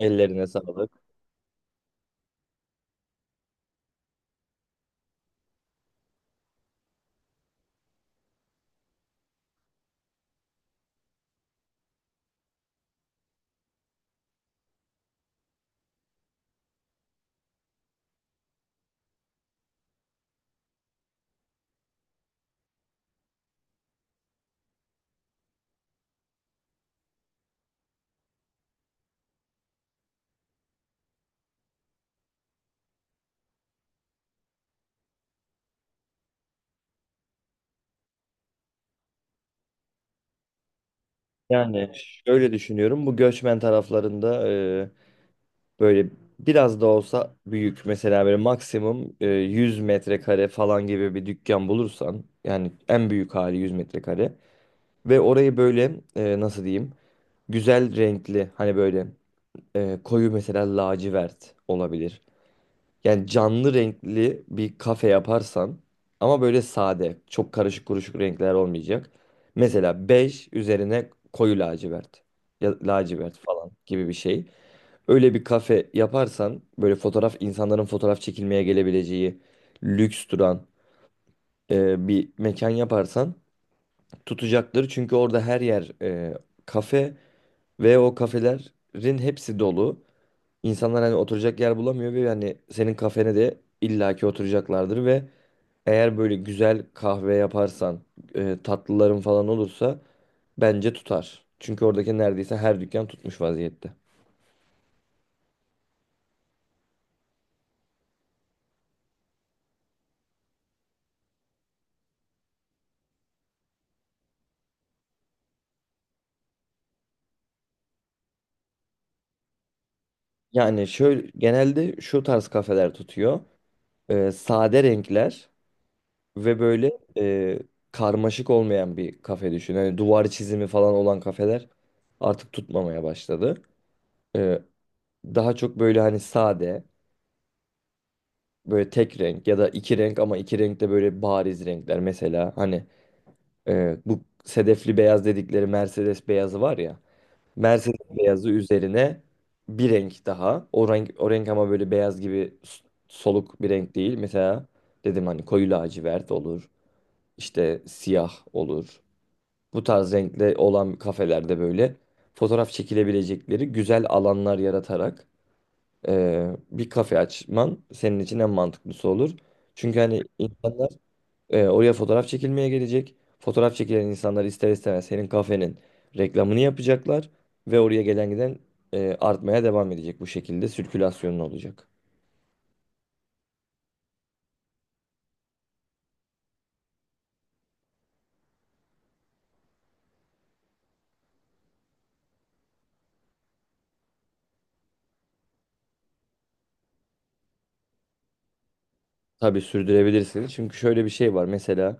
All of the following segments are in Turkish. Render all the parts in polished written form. Ellerine sağlık. Yani şöyle düşünüyorum. Bu göçmen taraflarında böyle biraz da olsa büyük mesela böyle maksimum 100 metrekare falan gibi bir dükkan bulursan yani en büyük hali 100 metrekare ve orayı böyle nasıl diyeyim güzel renkli hani böyle koyu mesela lacivert olabilir. Yani canlı renkli bir kafe yaparsan ama böyle sade, çok karışık kuruşuk renkler olmayacak. Mesela bej üzerine koyu lacivert ya lacivert falan gibi bir şey. Öyle bir kafe yaparsan böyle fotoğraf insanların fotoğraf çekilmeye gelebileceği lüks duran bir mekan yaparsan tutacaktır. Çünkü orada her yer kafe ve o kafelerin hepsi dolu. İnsanlar hani oturacak yer bulamıyor ve yani senin kafene de illaki oturacaklardır ve eğer böyle güzel kahve yaparsan, tatlıların falan olursa bence tutar. Çünkü oradaki neredeyse her dükkan tutmuş vaziyette. Yani şöyle genelde şu tarz kafeler tutuyor. Sade renkler ve böyle e, karmaşık olmayan bir kafe düşün. Hani duvar çizimi falan olan kafeler artık tutmamaya başladı. E, Daha çok böyle hani sade. Böyle tek renk ya da iki renk ama iki renk de böyle bariz renkler. Mesela hani bu sedefli beyaz dedikleri Mercedes beyazı var ya. Mercedes beyazı üzerine bir renk daha. O renk, o renk ama böyle beyaz gibi soluk bir renk değil. Mesela dedim hani koyu lacivert olur. işte siyah olur. Bu tarz renkli olan kafelerde böyle fotoğraf çekilebilecekleri güzel alanlar yaratarak bir kafe açman senin için en mantıklısı olur. Çünkü hani insanlar oraya fotoğraf çekilmeye gelecek. Fotoğraf çekilen insanlar ister istemez senin kafenin reklamını yapacaklar ve oraya gelen giden artmaya devam edecek bu şekilde sirkülasyonun olacak. Tabii sürdürebilirsin. Çünkü şöyle bir şey var. Mesela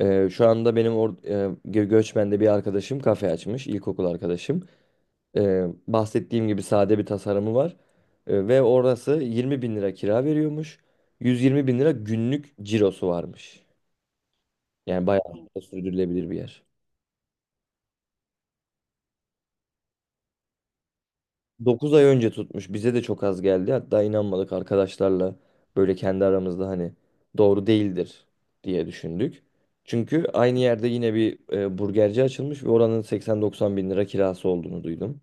şu anda benim Göçmen'de bir arkadaşım kafe açmış, ilkokul arkadaşım. Bahsettiğim gibi sade bir tasarımı var. Ve orası 20 bin lira kira veriyormuş. 120 bin lira günlük cirosu varmış. Yani bayağı da sürdürülebilir bir yer. 9 ay önce tutmuş. Bize de çok az geldi. Hatta inanmadık arkadaşlarla böyle kendi aramızda hani doğru değildir diye düşündük. Çünkü aynı yerde yine bir burgerci açılmış ve oranın 80-90 bin lira kirası olduğunu duydum.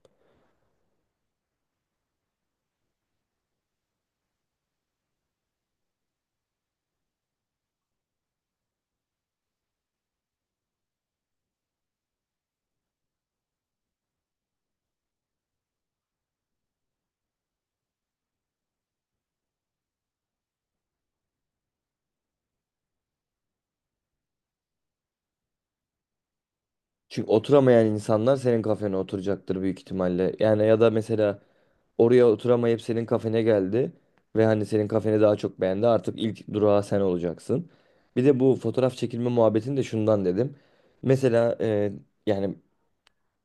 Çünkü oturamayan insanlar senin kafene oturacaktır büyük ihtimalle. Yani ya da mesela oraya oturamayıp senin kafene geldi ve hani senin kafeni daha çok beğendi. Artık ilk durağı sen olacaksın. Bir de bu fotoğraf çekilme muhabbetini de şundan dedim. Mesela yani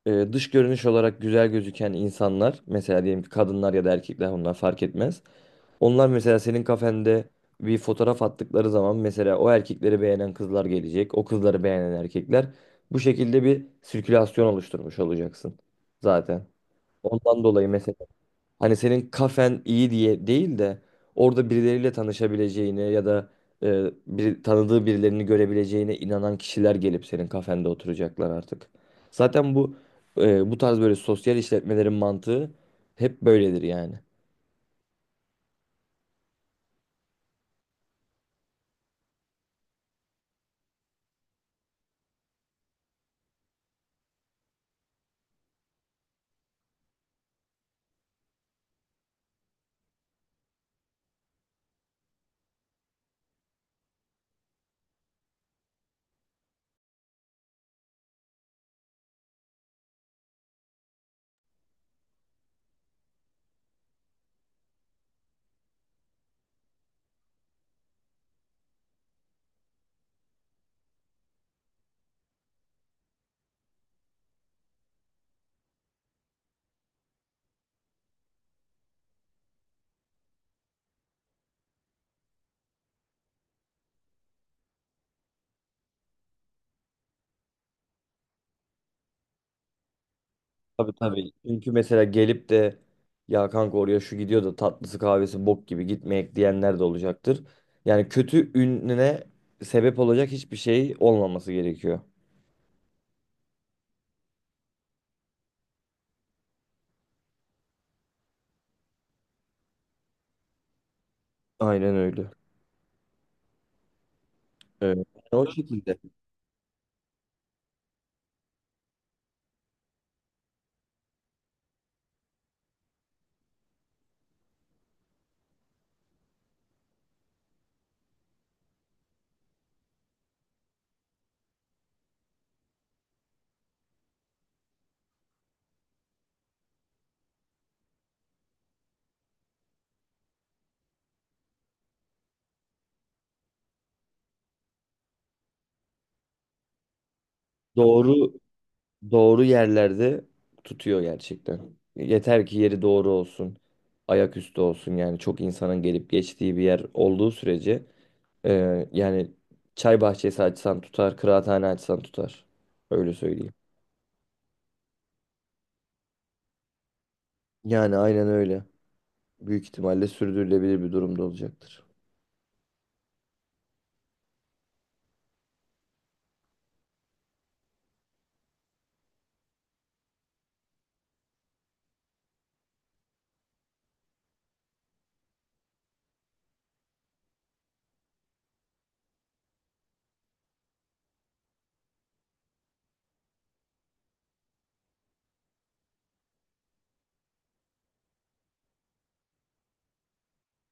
dış görünüş olarak güzel gözüken insanlar mesela diyelim ki kadınlar ya da erkekler onlar fark etmez. Onlar mesela senin kafende bir fotoğraf attıkları zaman mesela o erkekleri beğenen kızlar gelecek. O kızları beğenen erkekler. Bu şekilde bir sirkülasyon oluşturmuş olacaksın zaten. Ondan dolayı mesela hani senin kafen iyi diye değil de orada birileriyle tanışabileceğine ya da tanıdığı birilerini görebileceğine inanan kişiler gelip senin kafende oturacaklar artık. Zaten bu tarz böyle sosyal işletmelerin mantığı hep böyledir yani. Tabii tabii. Çünkü mesela gelip de ya kanka oraya şu gidiyor da tatlısı kahvesi bok gibi gitmeyek diyenler de olacaktır. Yani kötü ününe sebep olacak hiçbir şey olmaması gerekiyor. Aynen öyle. Evet. O şekilde. Doğru doğru yerlerde tutuyor gerçekten. Yeter ki yeri doğru olsun. Ayaküstü olsun yani çok insanın gelip geçtiği bir yer olduğu sürece yani çay bahçesi açsan tutar, kıraathane açsan tutar. Öyle söyleyeyim. Yani aynen öyle. Büyük ihtimalle sürdürülebilir bir durumda olacaktır.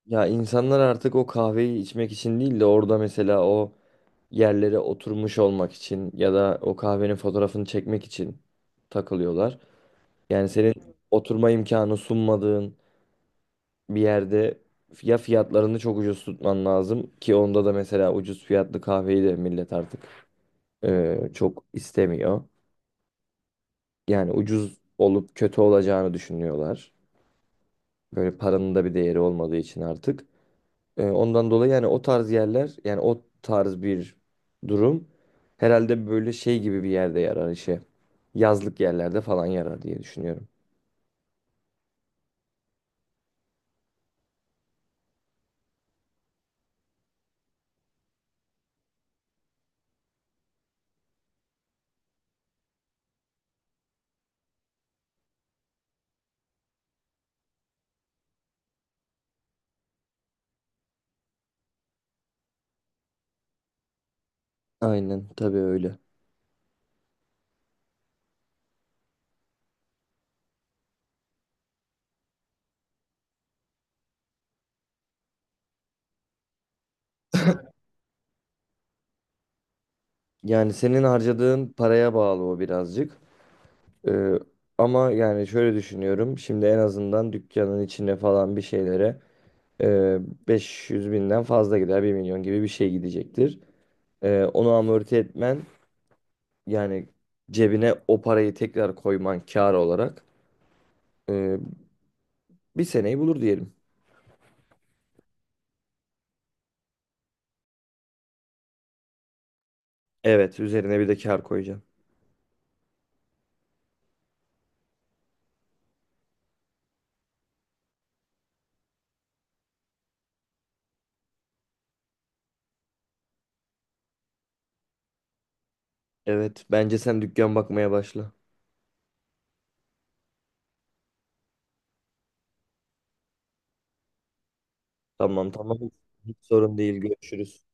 Ya insanlar artık o kahveyi içmek için değil de orada mesela o yerlere oturmuş olmak için ya da o kahvenin fotoğrafını çekmek için takılıyorlar. Yani senin oturma imkanı sunmadığın bir yerde ya fiyatlarını çok ucuz tutman lazım ki onda da mesela ucuz fiyatlı kahveyi de millet artık çok istemiyor. Yani ucuz olup kötü olacağını düşünüyorlar. Böyle paranın da bir değeri olmadığı için artık. Ondan dolayı yani o tarz yerler yani o tarz bir durum herhalde böyle şey gibi bir yerde yarar işe. Yazlık yerlerde falan yarar diye düşünüyorum. Aynen tabii öyle. Yani senin harcadığın paraya bağlı o birazcık. Ee, Ama yani şöyle düşünüyorum. Şimdi en azından dükkanın içine falan bir şeylere e, 500 binden fazla gider bir milyon gibi bir şey gidecektir. Onu amorti etmen yani cebine o parayı tekrar koyman kar olarak e, bir seneyi bulur diyelim. Evet, üzerine bir de kar koyacağım. Evet, bence sen dükkan bakmaya başla. Tamam tamam. Hiç sorun değil. Görüşürüz.